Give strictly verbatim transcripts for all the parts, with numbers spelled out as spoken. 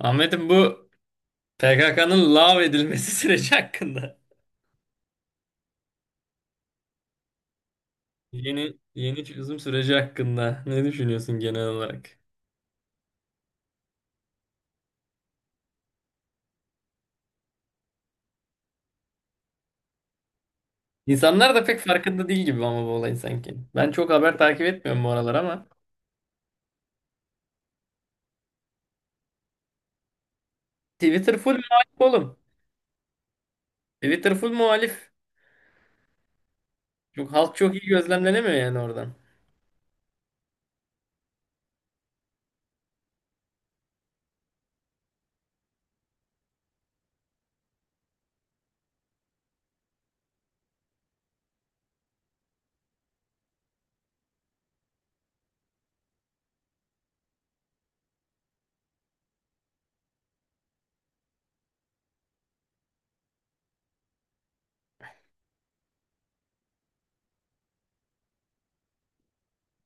Ahmet'im bu P K K'nın lav edilmesi süreci hakkında. Yeni yeni çözüm süreci hakkında ne düşünüyorsun genel olarak? İnsanlar da pek farkında değil gibi ama bu olayın sanki. Ben çok haber takip etmiyorum bu aralar ama Twitter full muhalif oğlum. Twitter full muhalif. Çok, halk çok iyi gözlemlenemiyor yani oradan.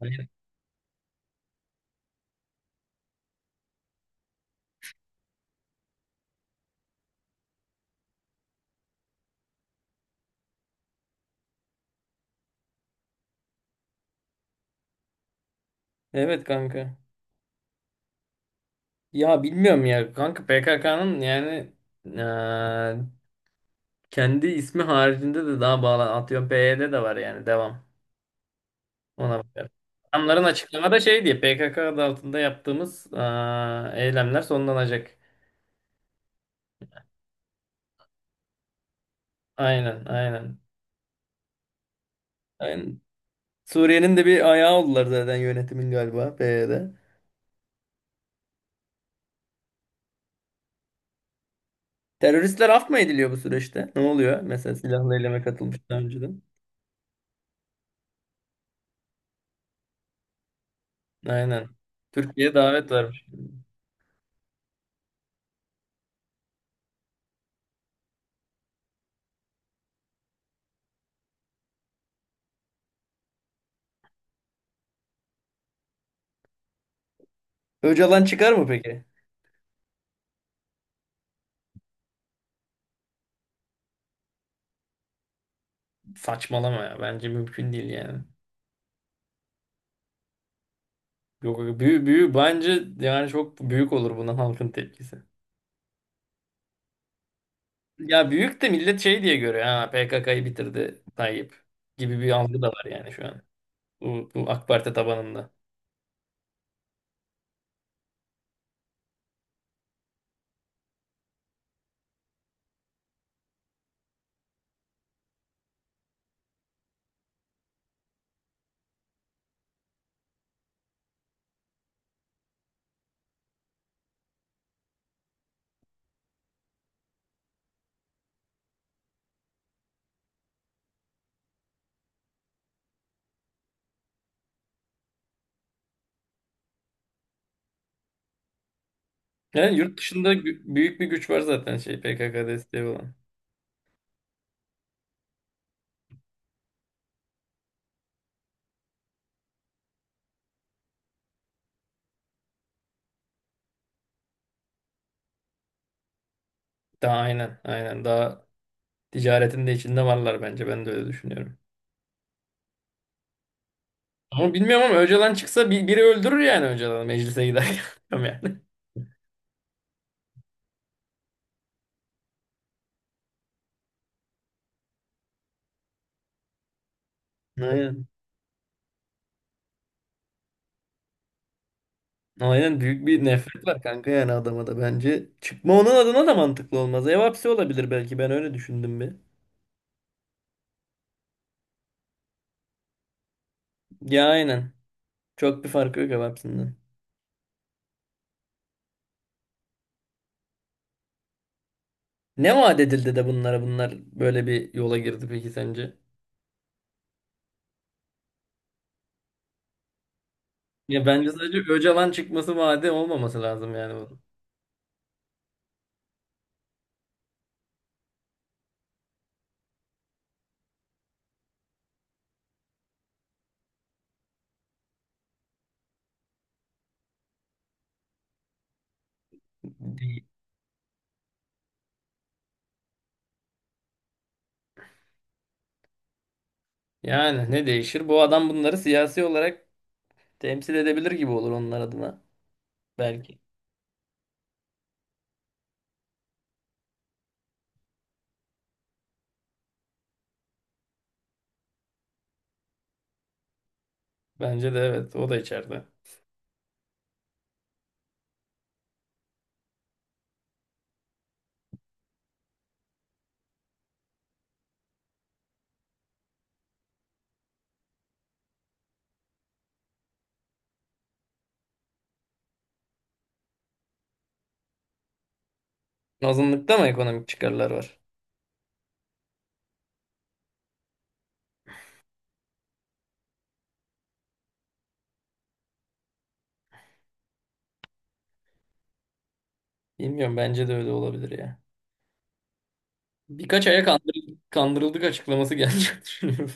Hayır. Evet kanka. Ya bilmiyorum ya kanka P K K'nın yani, eee, kendi ismi haricinde de daha bağlı. Atıyorum P Y D de var yani devam. Ona bakarım. Adamların açıklamada şey diye P K K adı altında yaptığımız aa, eylemler sonlanacak. Aynen, aynen. Aynen. Suriye'nin de bir ayağı oldular zaten yönetimin galiba P Y D. Teröristler af mı ediliyor bu süreçte? Ne oluyor? Mesela silahlı eyleme katılmış daha önceden. Aynen. Türkiye'ye davet vermiş. Öcalan çıkar mı peki? Saçmalama ya. Bence mümkün değil yani. Yok, büyük, büyük, bence yani çok büyük olur buna halkın tepkisi. Ya büyük de millet şey diye görüyor. Ha P K K'yı bitirdi Tayyip gibi bir algı da var yani şu an. Bu, bu AK Parti tabanında. Yani yurt dışında gü- büyük bir güç var zaten şey P K K desteği olan. Daha aynen aynen daha ticaretin de içinde varlar bence ben de öyle düşünüyorum. Ama bilmiyorum ama Öcalan çıksa bir, biri öldürür yani Öcalan'ı meclise giderken. Bilmiyorum yani. Aynen. Aynen büyük bir nefret var kanka yani adama da bence. Çıkma onun adına da mantıklı olmaz. Ev hapsi olabilir belki ben öyle düşündüm bir. Ya aynen. Çok bir farkı yok hepsinden. Ne vaat edildi de bunlara bunlar böyle bir yola girdi peki sence? Ya bence sadece Öcalan çıkması vaadi olmaması lazım yani. bu. Değil. Yani ne değişir? Bu adam bunları siyasi olarak temsil edebilir gibi olur onlar adına. Belki. Bence de evet o da içeride. Azınlıkta mı ekonomik çıkarlar var? Bilmiyorum bence de öyle olabilir ya. Birkaç aya kandır- kandırıldık açıklaması gelecek düşünüyorum.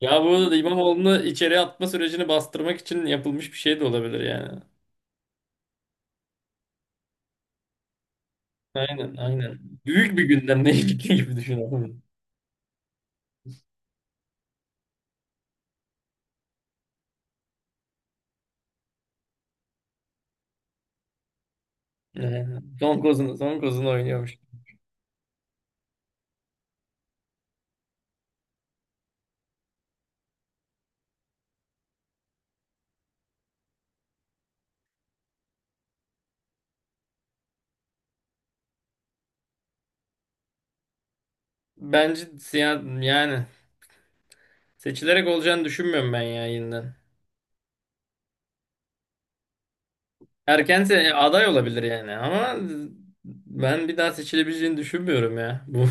Ya bu arada İmamoğlu'nu içeri atma sürecini bastırmak için yapılmış bir şey de olabilir yani. Aynen aynen. Büyük bir gündemle ilgili gibi düşünüyorum. Aynen. Son kozunu, son kozunu oynuyormuş. Bence siya- yani seçilerek olacağını düşünmüyorum ben ya yeniden. Erken se- aday olabilir yani ama ben bir daha seçilebileceğini düşünmüyorum ya. Bu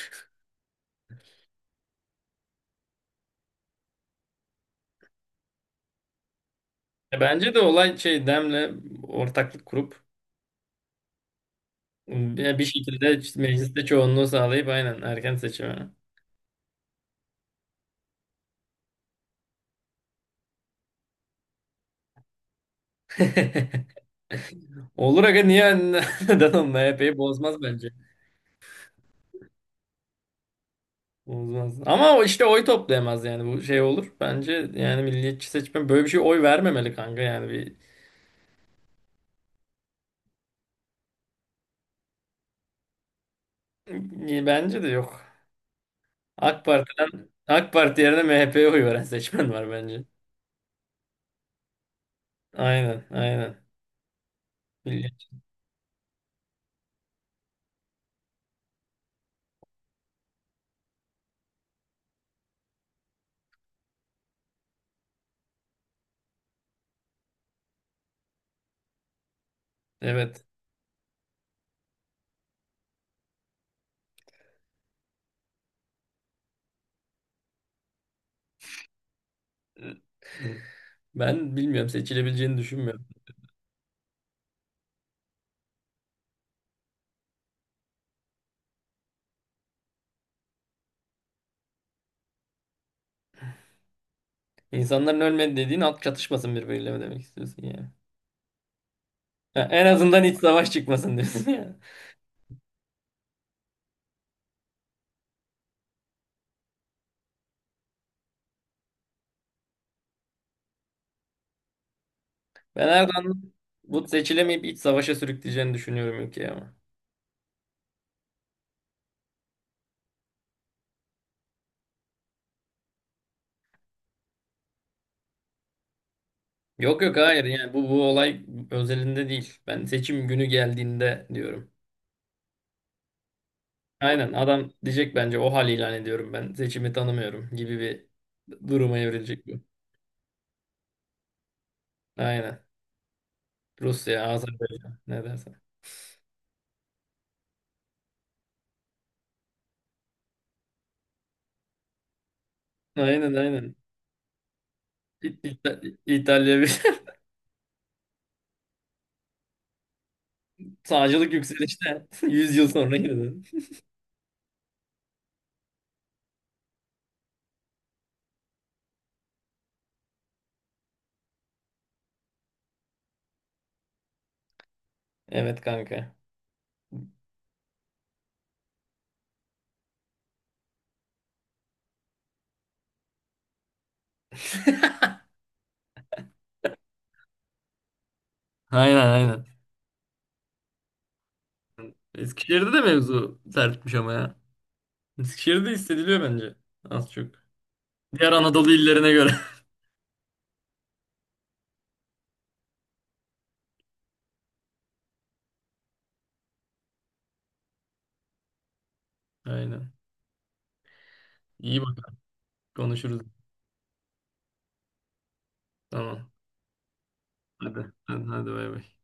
Bence de olay şey Dem'le ortaklık kurup bir bir şekilde işte mecliste çoğunluğu sağlayıp aynen erken seçime. Olur aga niye neden onun M H P'yi bozmaz bence. Bozmaz. Ama o işte oy toplayamaz yani bu şey olur. Bence yani milliyetçi seçmen böyle bir şey oy vermemeli kanka yani bir bence de yok. AK Parti'den AK Parti yerine M H P'ye oy veren seçmen var bence. Aynen, aynen. Milliyetçi. Evet. Ben bilmiyorum seçilebileceğini düşünmüyorum. İnsanların ölmedi dediğin halk çatışmasın birbiriyle mi demek istiyorsun yani? Ha, en azından iç savaş çıkmasın diyorsun yani. Ben Erdoğan'ın bu seçilemeyip iç savaşa sürükleyeceğini düşünüyorum ülkeyi ama. Yok yok hayır yani bu bu olay özelinde değil. Ben seçim günü geldiğinde diyorum. Aynen adam diyecek bence o hal ilan ediyorum ben seçimi tanımıyorum gibi bir duruma evrilecek bu. Aynen. Rusya, Azerbaycan ne dersen. Aynen aynen. İ- İta- İtalya bir sağcılık yükselişte Yüz yıl sonra girdin. Evet kanka. Aynen aynen. Eskişehir'de de mevzu sertmiş ama ya. Eskişehir'de hissediliyor bence. Az çok. Diğer Anadolu illerine göre. Aynen. İyi bak konuşuruz. Tamam. Hadi. Hadi, hadi bay bay.